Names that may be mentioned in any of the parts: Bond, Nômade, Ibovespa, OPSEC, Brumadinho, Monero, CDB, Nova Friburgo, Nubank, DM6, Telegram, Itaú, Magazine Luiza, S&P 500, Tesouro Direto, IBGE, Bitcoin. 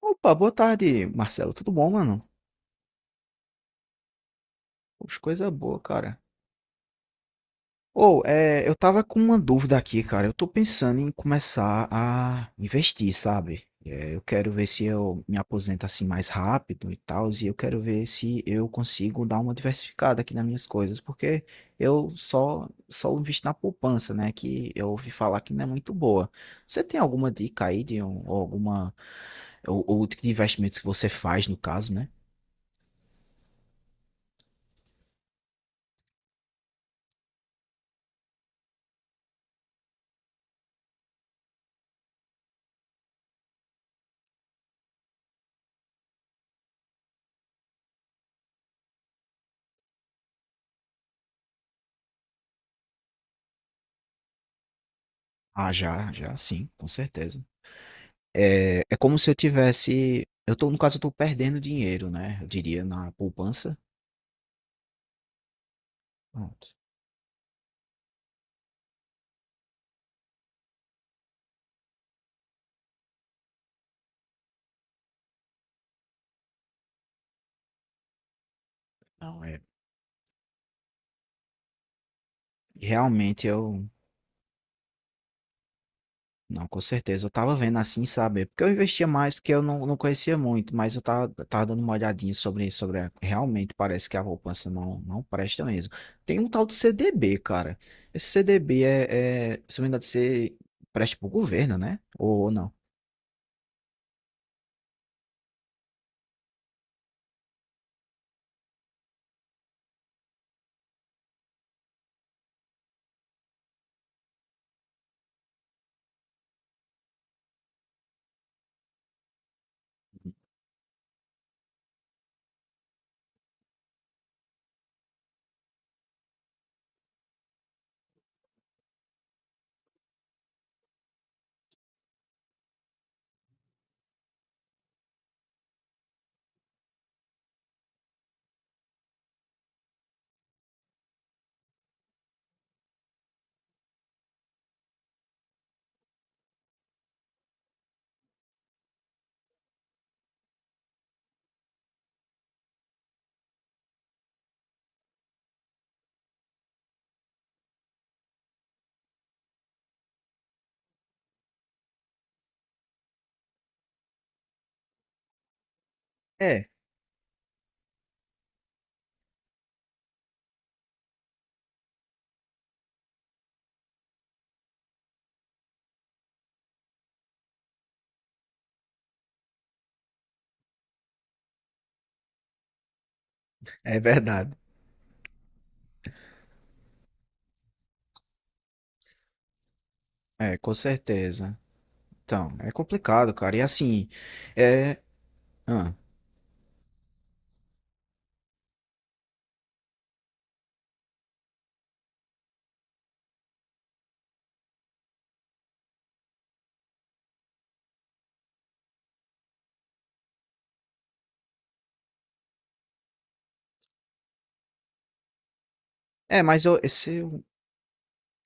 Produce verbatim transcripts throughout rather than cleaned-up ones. Opa, boa tarde, Marcelo. Tudo bom, mano? Poxa, coisa boa, cara. Ou, é, eu tava com uma dúvida aqui, cara. Eu tô pensando em começar a investir, sabe? É, eu quero ver se eu me aposento assim mais rápido e tal, e eu quero ver se eu consigo dar uma diversificada aqui nas minhas coisas, porque eu só só invisto na poupança, né? Que eu ouvi falar que não é muito boa. Você tem alguma dica aí de um, ou alguma ou, ou de investimentos que você faz no caso, né? Ah, já, já, sim, com certeza. É, é como se eu tivesse, eu tô, no caso, eu tô perdendo dinheiro, né? Eu diria na poupança. Pronto. Não, é, realmente eu, não, com certeza, eu tava vendo assim, sabe? Porque eu investia mais, porque eu não, não conhecia muito, mas eu tava, tava dando uma olhadinha sobre isso, sobre, a- realmente parece que a poupança não, não presta mesmo. Tem um tal de C D B, cara. Esse C D B é, é se não me engano, você presta pro governo, né? Ou, ou não? É, é verdade. É, com certeza. Então, é complicado, cara. E assim, é. Ah. É, mas eu, esse, eu-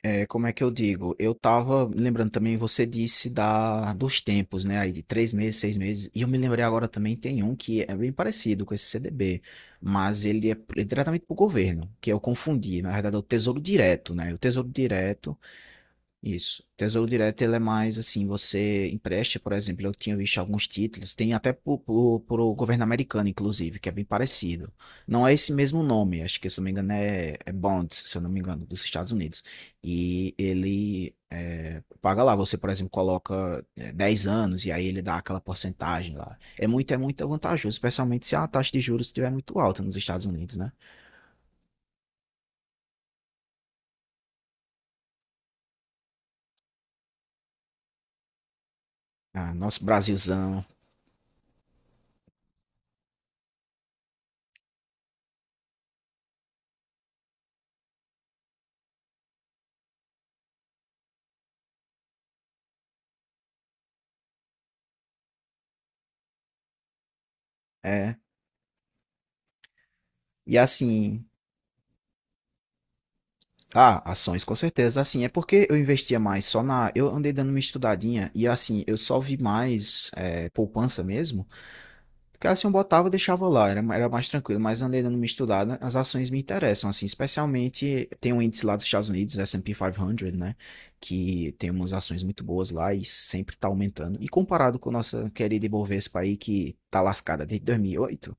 é, como é que eu digo? Eu tava lembrando também, você disse da, dos tempos, né? Aí de três meses, seis meses. E eu me lembrei agora também, tem um que é bem parecido com esse C D B, mas ele é, pr- diretamente pro governo, que eu confundi. Na verdade, é o Tesouro Direto, né? O Tesouro Direto. Isso. Tesouro direto, ele é mais assim, você empresta, por exemplo, eu tinha visto alguns títulos, tem até para o governo americano, inclusive, que é bem parecido. Não é esse mesmo nome, acho que, se eu não me engano, é, é Bond, se eu não me engano, dos Estados Unidos. E ele é, paga lá, você, por exemplo, coloca é, dez anos e aí ele dá aquela porcentagem lá. É muito, é muito vantajoso, especialmente se a taxa de juros estiver muito alta nos Estados Unidos, né? Ah, nosso Brasilzão, é. E assim, ah, ações, com certeza. Assim, é porque eu investia mais só na. Eu andei dando uma estudadinha e, assim, eu só vi mais é, poupança mesmo. Porque, assim, eu botava e deixava lá, era, era mais tranquilo. Mas eu andei dando uma estudada, as ações me interessam, assim, especialmente tem um índice lá dos Estados Unidos, S and P quinhentos, né? Que tem umas ações muito boas lá e sempre tá aumentando. E comparado com a nossa querida Ibovespa aí, que tá lascada desde dois mil e oito.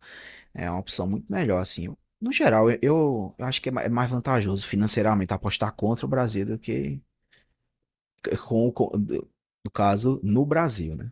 É uma opção muito melhor, assim. Eu- No geral, eu, eu eu acho que é ma- é mais vantajoso financeiramente apostar contra o Brasil do que com, o co- do- no caso, no Brasil, né?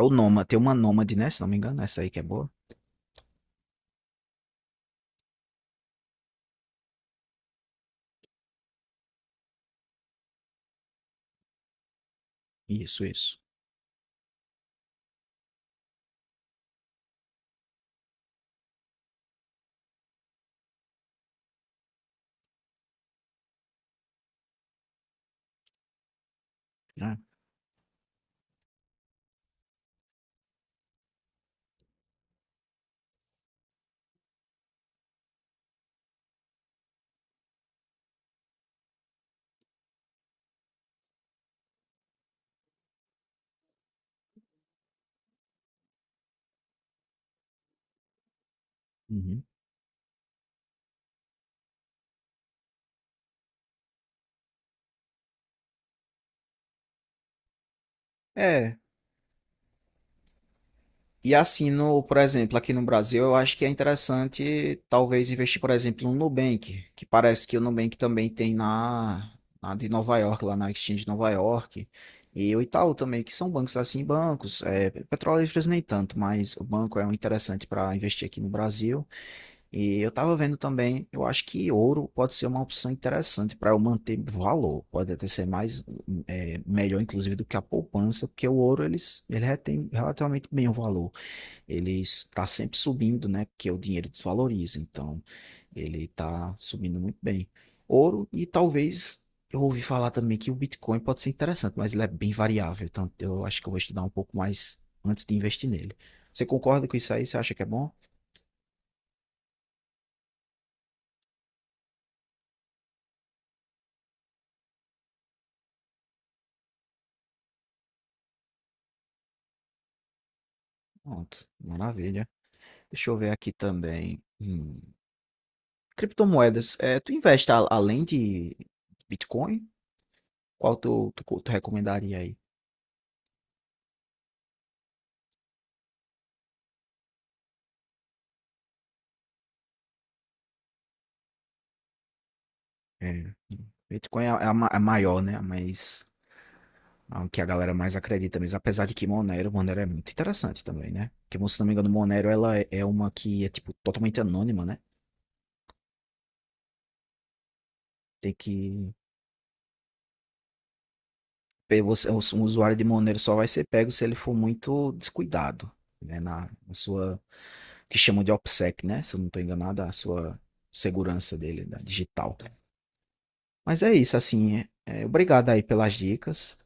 É o Nômade, tem uma Nômade, né? Se não me engano, essa aí que é boa. Isso, isso. É. Uhum. É. E assim, no, por exemplo, aqui no Brasil, eu acho que é interessante talvez investir, por exemplo, no Nubank, que parece que o Nubank também tem na, na de Nova York, lá na Exchange de Nova York, e o Itaú também, que são bancos assim, bancos, é, Petrolíferos nem tanto, mas o banco é um interessante para investir aqui no Brasil. E eu estava vendo também, eu acho que ouro pode ser uma opção interessante para eu manter valor, pode até ser mais é, melhor, inclusive, do que a poupança, porque o ouro eles, ele retém relativamente bem o valor, ele está sempre subindo, né? Porque o dinheiro desvaloriza, então ele está subindo muito bem. Ouro e talvez eu ouvi falar também que o Bitcoin pode ser interessante, mas ele é bem variável, então eu acho que eu vou estudar um pouco mais antes de investir nele. Você concorda com isso aí? Você acha que é bom? Pronto, maravilha. Deixa eu ver aqui também. Hum, Criptomoedas, é, tu investe a- além de Bitcoin? Qual tu, tu, tu recomendaria aí? É, Bitcoin é a, é ma- a maior, né? A mais. Ah, o que a galera mais acredita mesmo. Apesar de que Monero, Monero é muito interessante também, né? Porque, se não me engano, Monero ela é é uma que é, tipo, totalmente anônima, né? Tem que... pe- Você, um usuário de Monero só vai ser pego se ele for muito descuidado, né? Na, na sua... Que chamam de OPSEC, né? Se eu não estou enganado, a sua segurança dele, da digital. Mas é isso, assim. é- é, obrigado aí pelas dicas.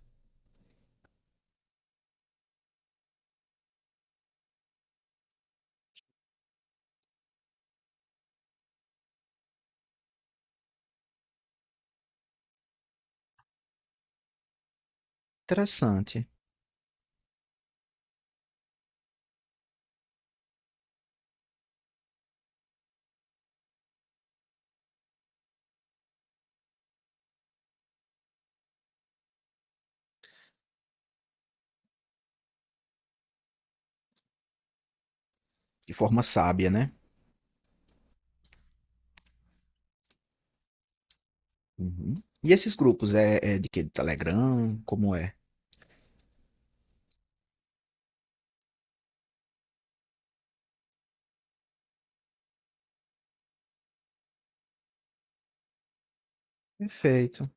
Interessante. De forma sábia, né? Uhum. E esses grupos, é, é de que? Do Telegram? Como é? Perfeito.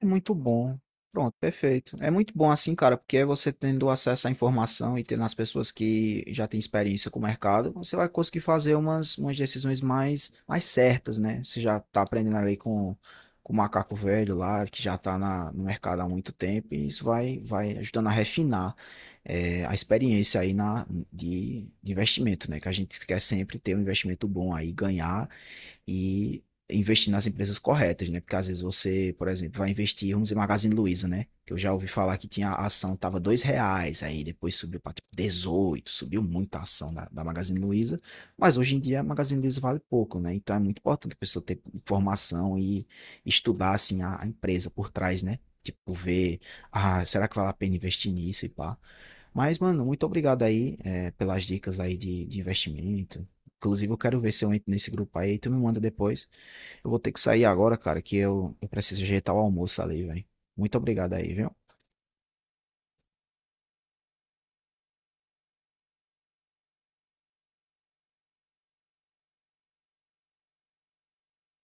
É muito bom. Pronto, perfeito. É muito bom assim, cara, porque é você tendo acesso à informação e tendo as pessoas que já têm experiência com o mercado, você vai conseguir fazer umas, umas decisões mais, mais certas, né? Você já tá aprendendo ali com, com o macaco velho lá, que já tá na, no mercado há muito tempo, e isso vai, vai ajudando a refinar, eh, a experiência aí na, de, de investimento, né? Que a gente quer sempre ter um investimento bom aí, ganhar e investir nas empresas corretas, né? Porque às vezes você, por exemplo, vai investir, vamos dizer, Magazine Luiza, né? Que eu já ouvi falar que tinha a ação, tava dois reais, aí depois subiu para tipo, dezoito, subiu muito a ação da, da Magazine Luiza, mas hoje em dia a Magazine Luiza vale pouco, né? Então é muito importante a pessoa ter informação e estudar, assim, a, a empresa por trás, né? Tipo, ver, ah, será que vale a pena investir nisso e pá. Mas, mano, muito obrigado aí, é, pelas dicas aí de, de investimento. Inclusive, eu quero ver se eu entro nesse grupo aí, tu me manda depois. Eu vou ter que sair agora, cara, que eu, eu preciso ajeitar o almoço ali, velho. Muito obrigado aí, viu?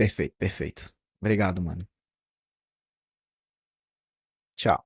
Perfeito, perfeito. Obrigado, mano. Tchau.